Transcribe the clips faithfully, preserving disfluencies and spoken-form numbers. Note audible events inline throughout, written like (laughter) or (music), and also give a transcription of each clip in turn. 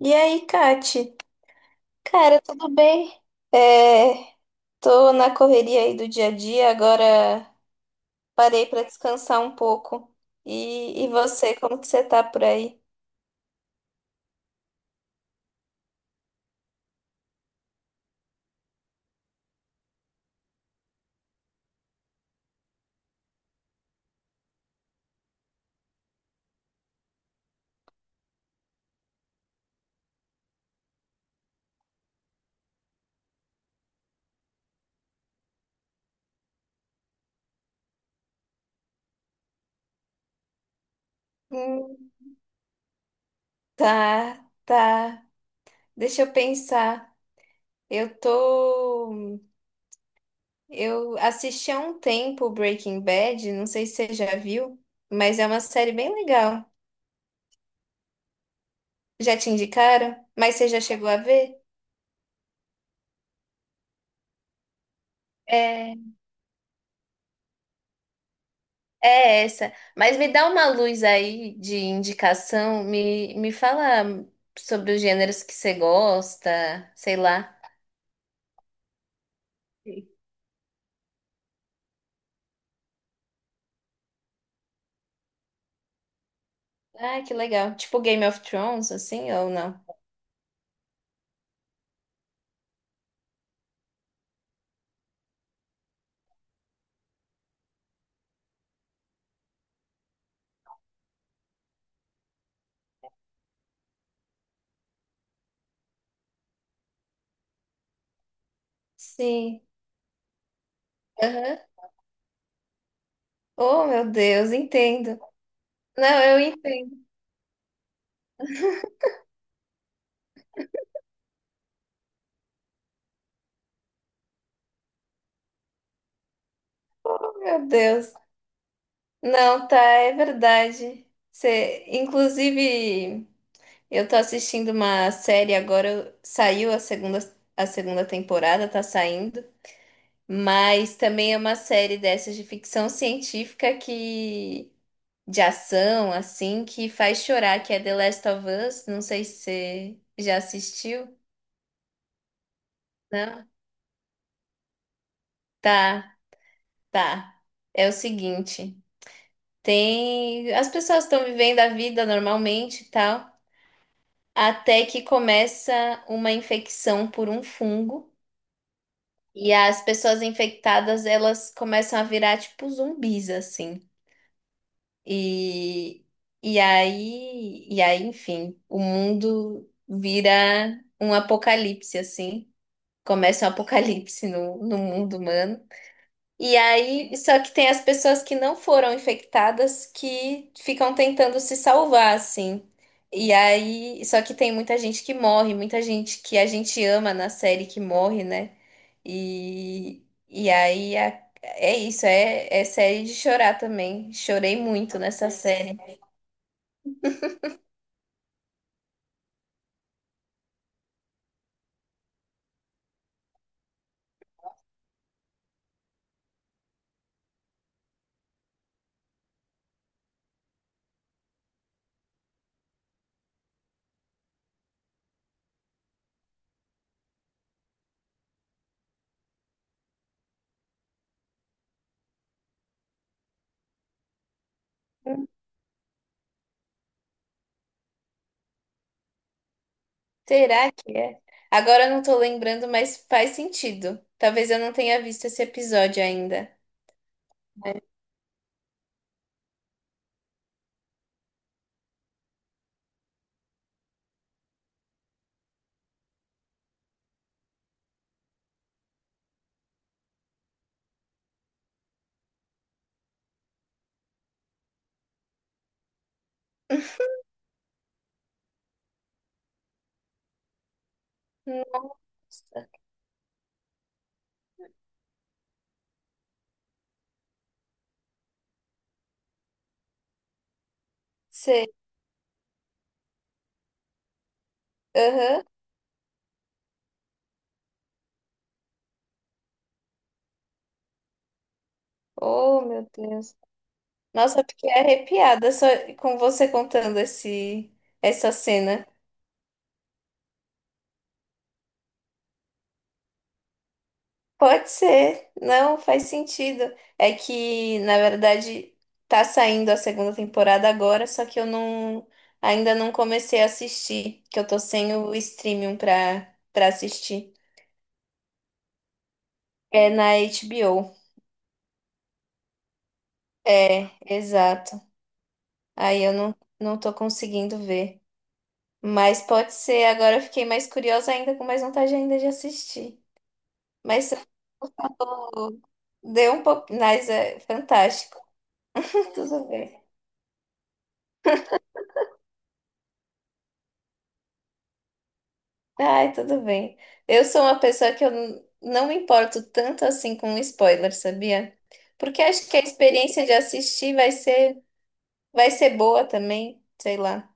E aí, Kati? Cara, tudo bem? É, tô na correria aí do dia a dia, agora parei pra descansar um pouco. E, e você, como que você tá por aí? Hum. Tá, tá. Deixa eu pensar. Eu tô. Eu assisti há um tempo Breaking Bad, não sei se você já viu, mas é uma série bem legal. Já te indicaram? Mas você já chegou a ver? É. É essa. Mas me dá uma luz aí de indicação, me, me fala sobre os gêneros que você gosta, sei lá. Ah, que legal. Tipo Game of Thrones, assim, ou não? Sim. Aham. Oh, meu Deus, entendo. Não, eu entendo. Oh, meu Deus. Não, tá, é verdade. Você, inclusive, eu tô assistindo uma série agora, saiu a segunda, a segunda temporada, tá saindo. Mas também é uma série dessas de ficção científica que de ação assim que faz chorar, que é The Last of Us. Não sei se você já assistiu, não? Tá, tá. É o seguinte, tem as pessoas estão vivendo a vida normalmente e tal, até que começa uma infecção por um fungo e as pessoas infectadas, elas começam a virar tipo zumbis assim. E, e aí, e aí, enfim, o mundo vira um apocalipse, assim. Começa um apocalipse no, no mundo humano. E aí, só que tem as pessoas que não foram infectadas que ficam tentando se salvar, assim. E aí, só que tem muita gente que morre, muita gente que a gente ama na série que morre, né? E, e aí a- é isso, é, é série de chorar também. Chorei muito nessa série. Será que é? Agora eu não tô lembrando, mas faz sentido. Talvez eu não tenha visto esse episódio ainda. Nossa, sei. Aham. Oh, meu Deus. Nossa, eu fiquei arrepiada só com você contando esse, essa cena. Pode ser. Não, faz sentido. É que, na verdade, tá saindo a segunda temporada agora, só que eu não ainda não comecei a assistir, que eu tô sem o streaming pra, pra assistir. É na H B O. É, exato. Aí eu não, não tô conseguindo ver. Mas pode ser, agora eu fiquei mais curiosa ainda, com mais vontade ainda de assistir. Mas eu tô- deu um pouco. Mas é fantástico. (laughs) Tudo bem. Ai, tudo bem. Eu sou uma pessoa que eu n- não me importo tanto assim com spoiler, sabia? Porque acho que a experiência de assistir vai ser, vai ser boa também, sei lá.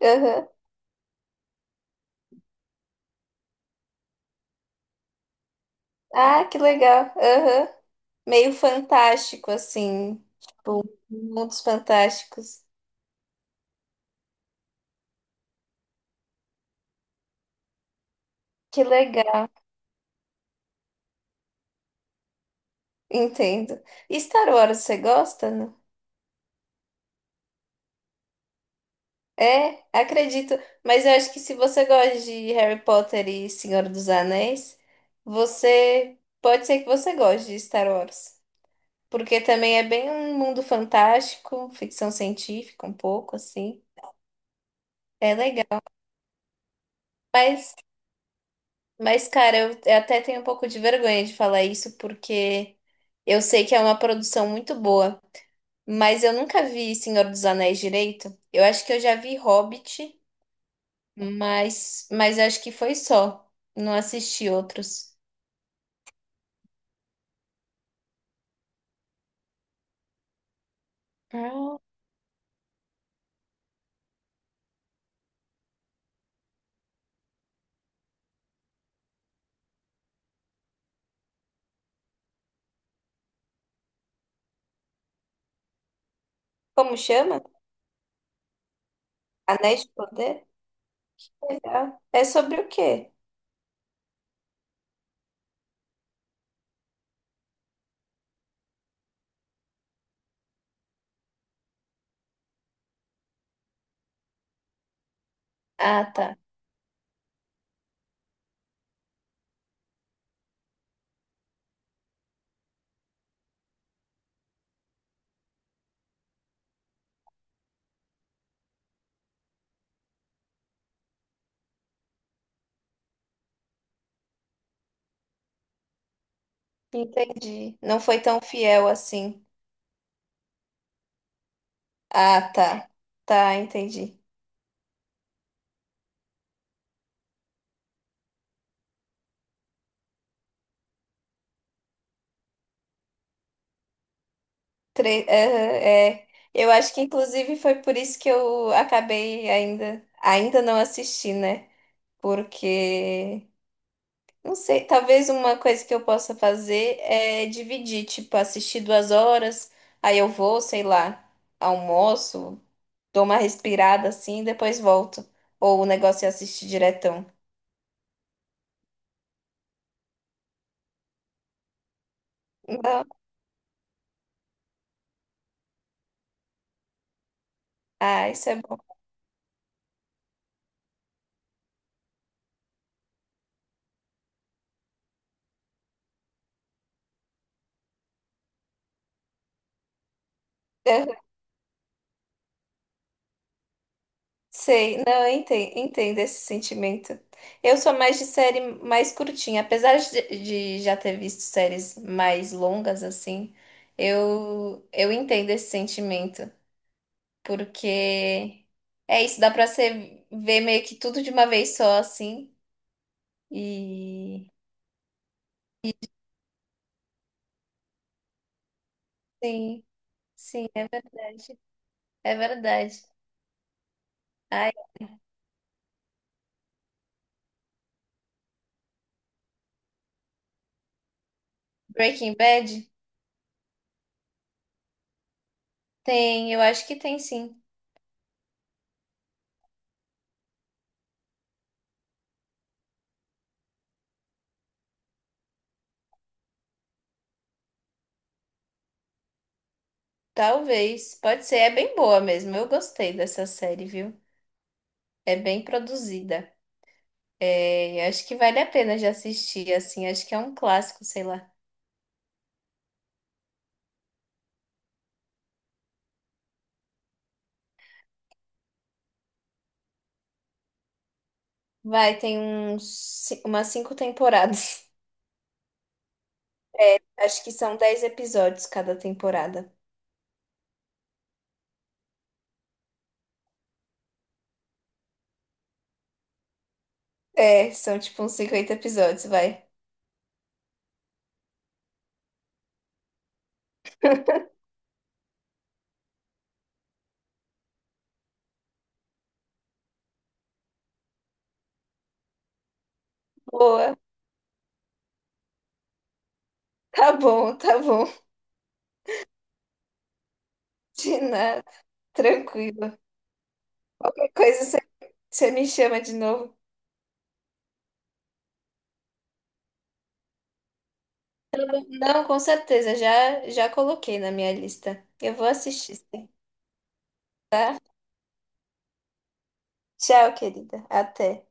Aham. Ah, que legal. Aham. Meio fantástico, assim. Tipo, mundos fantásticos. Que legal, entendo. E Star Wars, você gosta, não? É, acredito. Mas eu acho que se você gosta de Harry Potter e Senhor dos Anéis, você pode ser que você goste de Star Wars. Porque também é bem um mundo fantástico, ficção científica, um pouco assim. É legal. Mas Mas, cara, eu eu até tenho um pouco de vergonha de falar isso, porque eu sei que é uma produção muito boa, mas eu nunca vi Senhor dos Anéis direito. Eu acho que eu já vi Hobbit, mas, mas acho que foi só. Não assisti outros. Ah, como chama? Anéis de Poder? Legal. É sobre o quê? Ah, tá. Entendi. Não foi tão fiel assim. Ah, tá. Tá, entendi. Tre- aham, é. Eu acho que inclusive foi por isso que eu acabei ainda, ainda não assisti, né? Porque, não sei, talvez uma coisa que eu possa fazer é dividir, tipo, assistir duas horas, aí eu vou, sei lá, almoço, dou uma respirada assim, e depois volto. Ou o negócio é assistir diretão. Não. Ah, isso é bom. Sei, não, eu enten- entendo, esse sentimento. Eu sou mais de série mais curtinha, apesar de, de já ter visto séries mais longas assim, eu eu entendo esse sentimento, porque é isso, dá pra você ver meio que tudo de uma vez só assim. E sim, sim, é verdade. É verdade. Ai, Breaking Bad tem, eu acho que tem sim. Talvez, pode ser, é bem boa mesmo. Eu gostei dessa série, viu? É bem produzida. É, acho que vale a pena de assistir, assim. Acho que é um clássico, sei lá. Vai, tem uns, ci- umas cinco temporadas. (laughs) Acho que são dez episódios cada temporada. É, são tipo uns cinquenta episódios, vai. Boa. Tá bom, tá bom. (laughs) De nada. Tranquilo. Qualquer coisa você você me chama de novo. Não, com certeza. Já, já coloquei na minha lista. Eu vou assistir. Sim. Tchau, querida. Até.